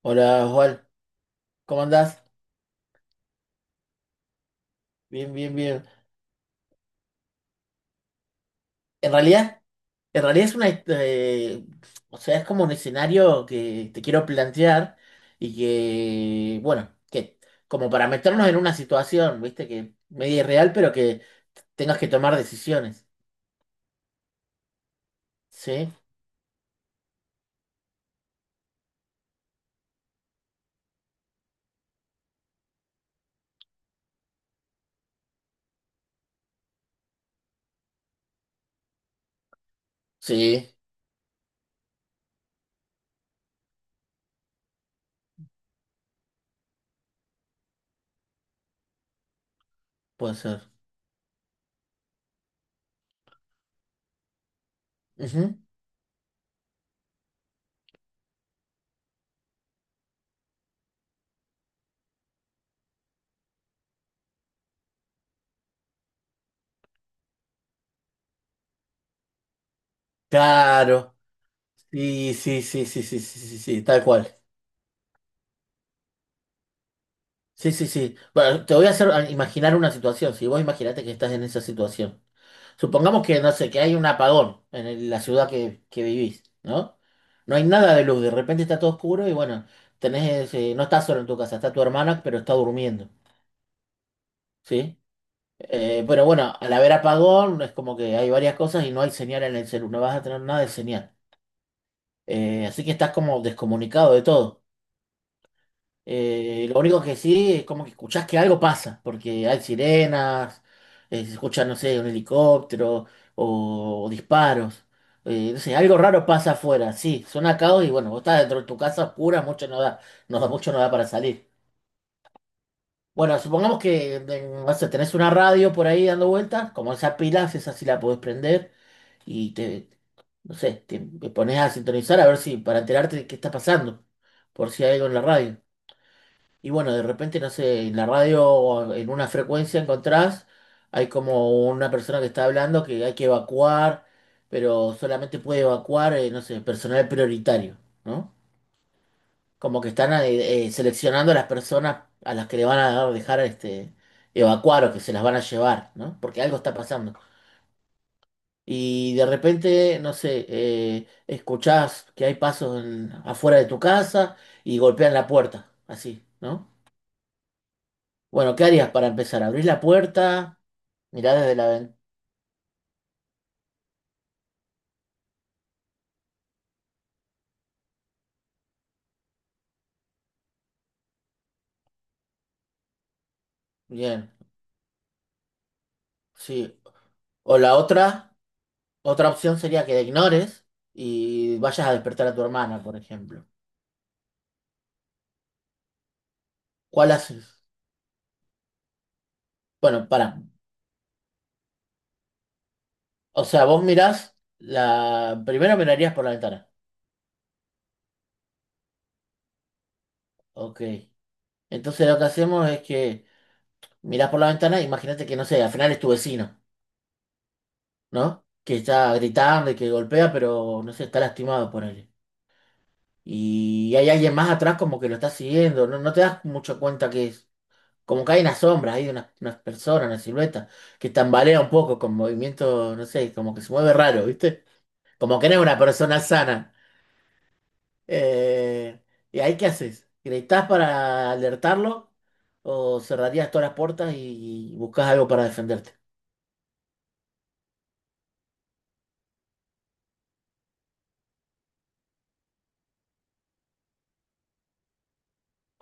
Hola Juan, ¿cómo andás? Bien, bien, bien. En realidad, en realidad, es una, o sea, es como un escenario que te quiero plantear y que, bueno, que como para meternos en una situación, viste, que media irreal, pero que tengas que tomar decisiones. ¿Sí? Sí, puede ser. Ujú. Claro. Sí, sí, sí, sí, sí, sí, sí, sí, tal cual. Sí, sí, sí. Bueno, te voy a hacer a imaginar una situación, si vos imaginate que estás en esa situación. Supongamos que, no sé, que hay un apagón en la ciudad que vivís, ¿no? No hay nada de luz, de repente está todo oscuro y bueno, tenés, no estás solo en tu casa, está tu hermana, pero está durmiendo, ¿sí? Pero bueno, al haber apagón es como que hay varias cosas y no hay señal en el celular, no vas a tener nada de señal. Así que estás como descomunicado de todo. Lo único que sí es como que escuchás que algo pasa, porque hay sirenas, se escucha, no sé, un helicóptero o disparos. No sé, algo raro pasa afuera, sí, suena caos y bueno, vos estás dentro de tu casa oscura, mucho no da, mucho no da para salir. Bueno, supongamos que no sé, tenés una radio por ahí dando vueltas, como esa pilas, esa sí la podés prender y te, no sé, te pones a sintonizar a ver si, para enterarte de qué está pasando, por si hay algo en la radio. Y bueno, de repente, no sé, en la radio o en una frecuencia encontrás, hay como una persona que está hablando que hay que evacuar, pero solamente puede evacuar, no sé, personal prioritario, ¿no? Como que están seleccionando a las personas a las que le van a dejar evacuar o que se las van a llevar, ¿no? Porque algo está pasando. Y de repente, no sé, escuchás que hay pasos afuera de tu casa y golpean la puerta, así, ¿no? Bueno, ¿qué harías para empezar? ¿Abrís la puerta? Mirá desde la ventana. Bien, sí. O la otra, otra opción sería que la ignores y vayas a despertar a tu hermana, por ejemplo. ¿Cuál haces? Bueno, para. O sea, vos mirás la. Primero mirarías por la ventana. Ok. Entonces lo que hacemos es que mirás por la ventana, imagínate que, no sé, al final es tu vecino, ¿no? Que está gritando y que golpea, pero no sé, está lastimado por él. Y hay alguien más atrás como que lo está siguiendo, no, no te das mucha cuenta que es. Como que hay una sombra, hay unas personas, una silueta, que tambalea un poco con movimiento, no sé, como que se mueve raro, ¿viste? Como que no es una persona sana. Eh, ¿y ahí qué haces? ¿Gritás para alertarlo? ¿O cerrarías todas las puertas y buscas algo para defenderte?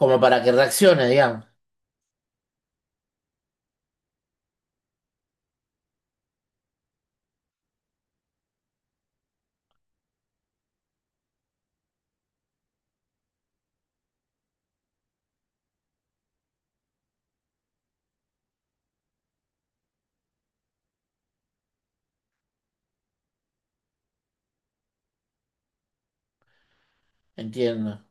Como para que reaccione, digamos. Entiendo.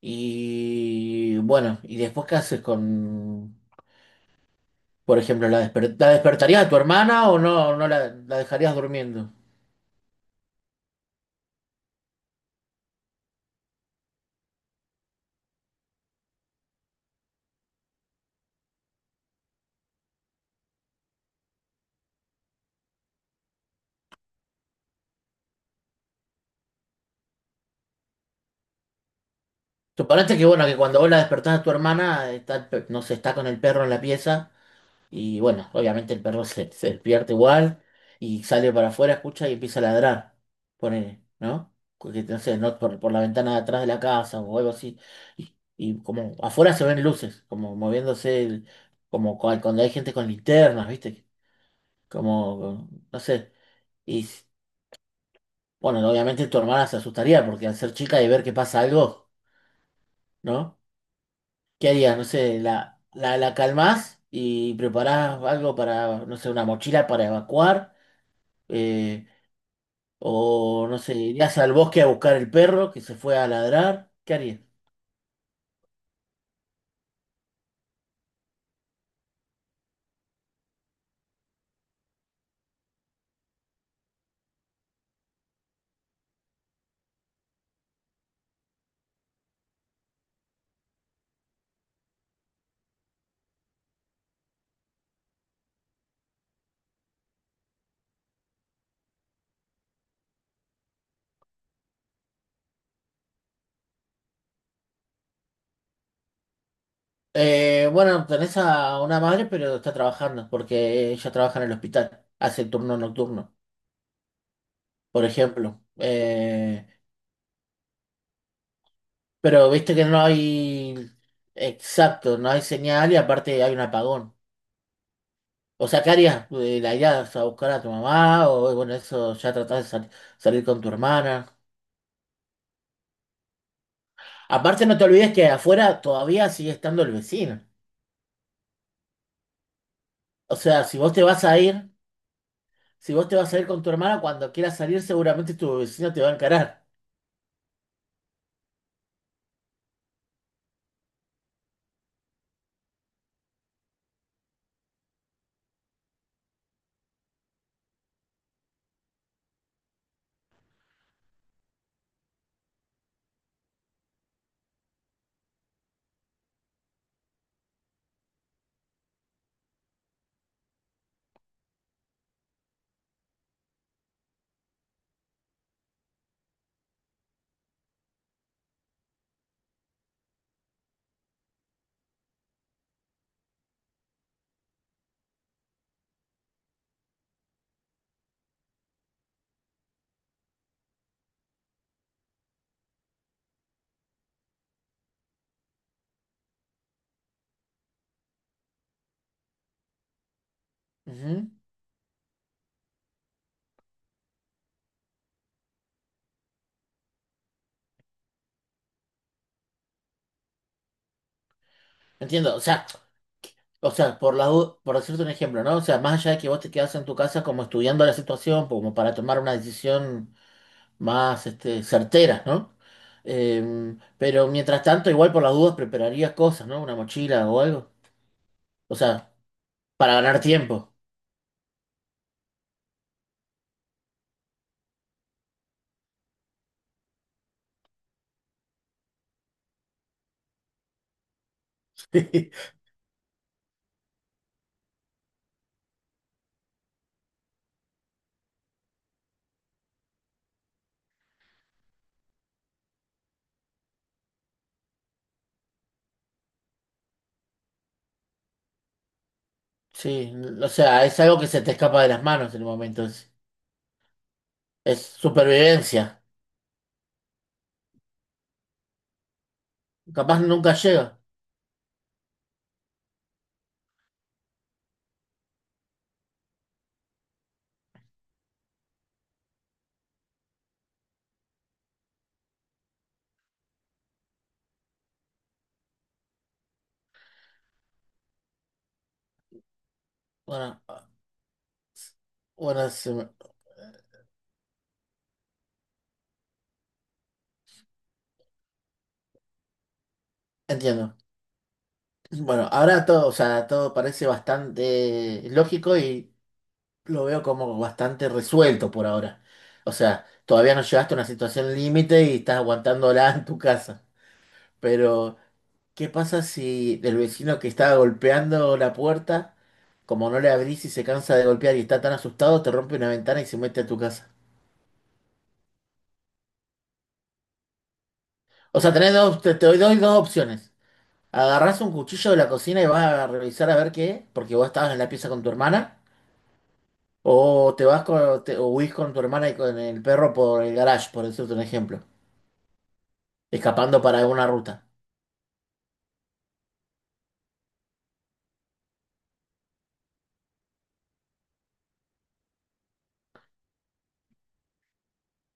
Y bueno, ¿y después qué haces con, por ejemplo, la despertarías a tu hermana o no la dejarías durmiendo? Suponete que bueno, que cuando vos la despertás a tu hermana, está, no sé, está con el perro en la pieza, y bueno, obviamente el perro se despierta igual, y sale para afuera, escucha y empieza a ladrar, ponele, ¿no? Porque, no sé, no, por la ventana de atrás de la casa o algo así, y como afuera se ven luces, como moviéndose, como cuando hay gente con linternas, ¿viste? Como, no sé, y bueno, obviamente tu hermana se asustaría, porque al ser chica y ver que pasa algo, ¿no? ¿Qué harías? No sé, la calmás y preparás algo para, no sé, una mochila para evacuar. eh, o, no sé, irías al bosque a buscar el perro que se fue a ladrar. ¿Qué harías? Bueno, tenés a una madre, pero está trabajando, porque ella trabaja en el hospital, hace el turno nocturno, por ejemplo. Pero viste que no hay, exacto, no hay señal y aparte hay un apagón. O sea, ¿qué harías? ¿La irías a buscar a tu mamá? O bueno, eso ya tratás de salir con tu hermana. Aparte, no te olvides que afuera todavía sigue estando el vecino. O sea, si vos te vas a ir, si vos te vas a ir con tu hermana, cuando quieras salir, seguramente tu vecino te va a encarar. Ujú. Entiendo, o sea, por por decirte un ejemplo, ¿no? O sea, más allá de que vos te quedás en tu casa como estudiando la situación, como para tomar una decisión más certeras, ¿no? Pero mientras tanto, igual por las dudas prepararías cosas, ¿no? Una mochila o algo. O sea, para ganar tiempo. Sí, o sea, es algo que se te escapa de las manos en el momento. Es supervivencia. Capaz nunca llega. Bueno, bueno, entiendo. Bueno, ahora todo, o sea, todo parece bastante lógico y lo veo como bastante resuelto por ahora. O sea, todavía no llegaste a una situación límite y estás aguantándola en tu casa. Pero, ¿qué pasa si el vecino que está golpeando la puerta, como no le abrís y se cansa de golpear y está tan asustado, te rompe una ventana y se mete a tu casa? O sea, tenés dos, te doy dos opciones. Agarrás un cuchillo de la cocina y vas a revisar a ver qué, es, porque vos estabas en la pieza con tu hermana, o te vas o huís con tu hermana y con el perro por el garage, por decirte un ejemplo, escapando para alguna ruta.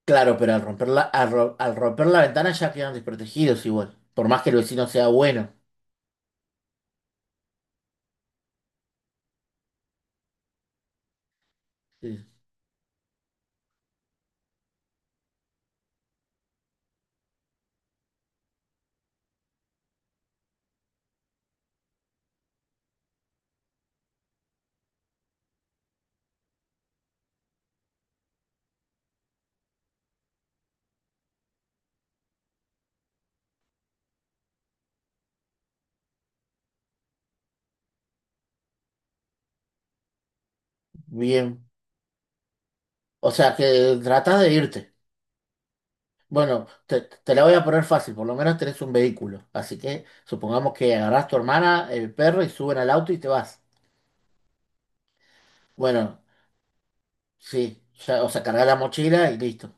Claro, pero al romper la ventana ya quedan desprotegidos igual, por más que el vecino sea bueno. Sí, bien. O sea, que tratas de irte. Bueno, te la voy a poner fácil, por lo menos tenés un vehículo. Así que supongamos que agarrás tu hermana, el perro, y suben al auto y te vas. Bueno, sí, ya, o sea, cargás la mochila y listo.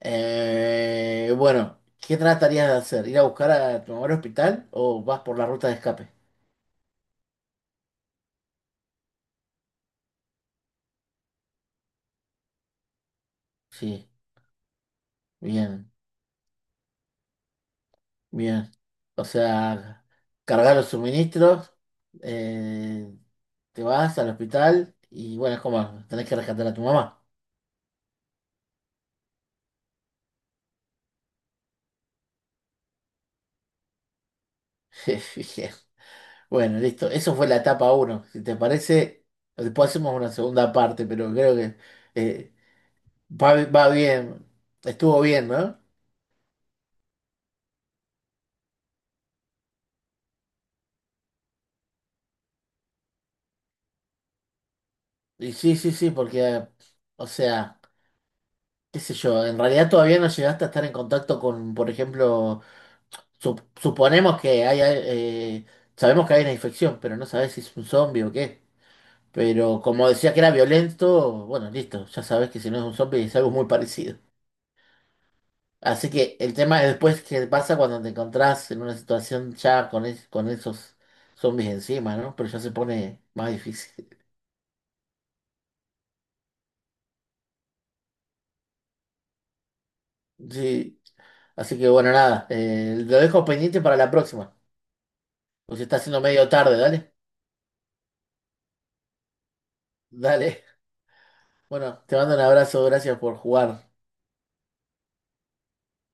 Bueno, ¿qué tratarías de hacer? ¿Ir a buscar a tu mamá al hospital o vas por la ruta de escape? Sí, bien, bien. O sea, cargar los suministros, eh, Te vas al hospital y bueno, es como tenés que rescatar a tu mamá. Bueno, listo. Eso fue la etapa uno. Si te parece, después hacemos una segunda parte, pero creo que eh, va bien. Estuvo bien, ¿no? Y sí, sí, sí, porque, o sea, qué sé yo, en realidad todavía no llegaste a estar en contacto con, por ejemplo, suponemos que hay, eh, sabemos que hay una infección, pero no sabes si es un zombie o qué. Pero como decía que era violento, bueno, listo, ya sabes que si no es un zombie es algo muy parecido. Así que el tema es después qué pasa cuando te encontrás en una situación ya con esos zombies encima, ¿no? Pero ya se pone más difícil. Sí, así que bueno, nada, lo dejo pendiente para la próxima. Pues se está haciendo medio tarde, dale. Dale. Bueno, te mando un abrazo, gracias por jugar.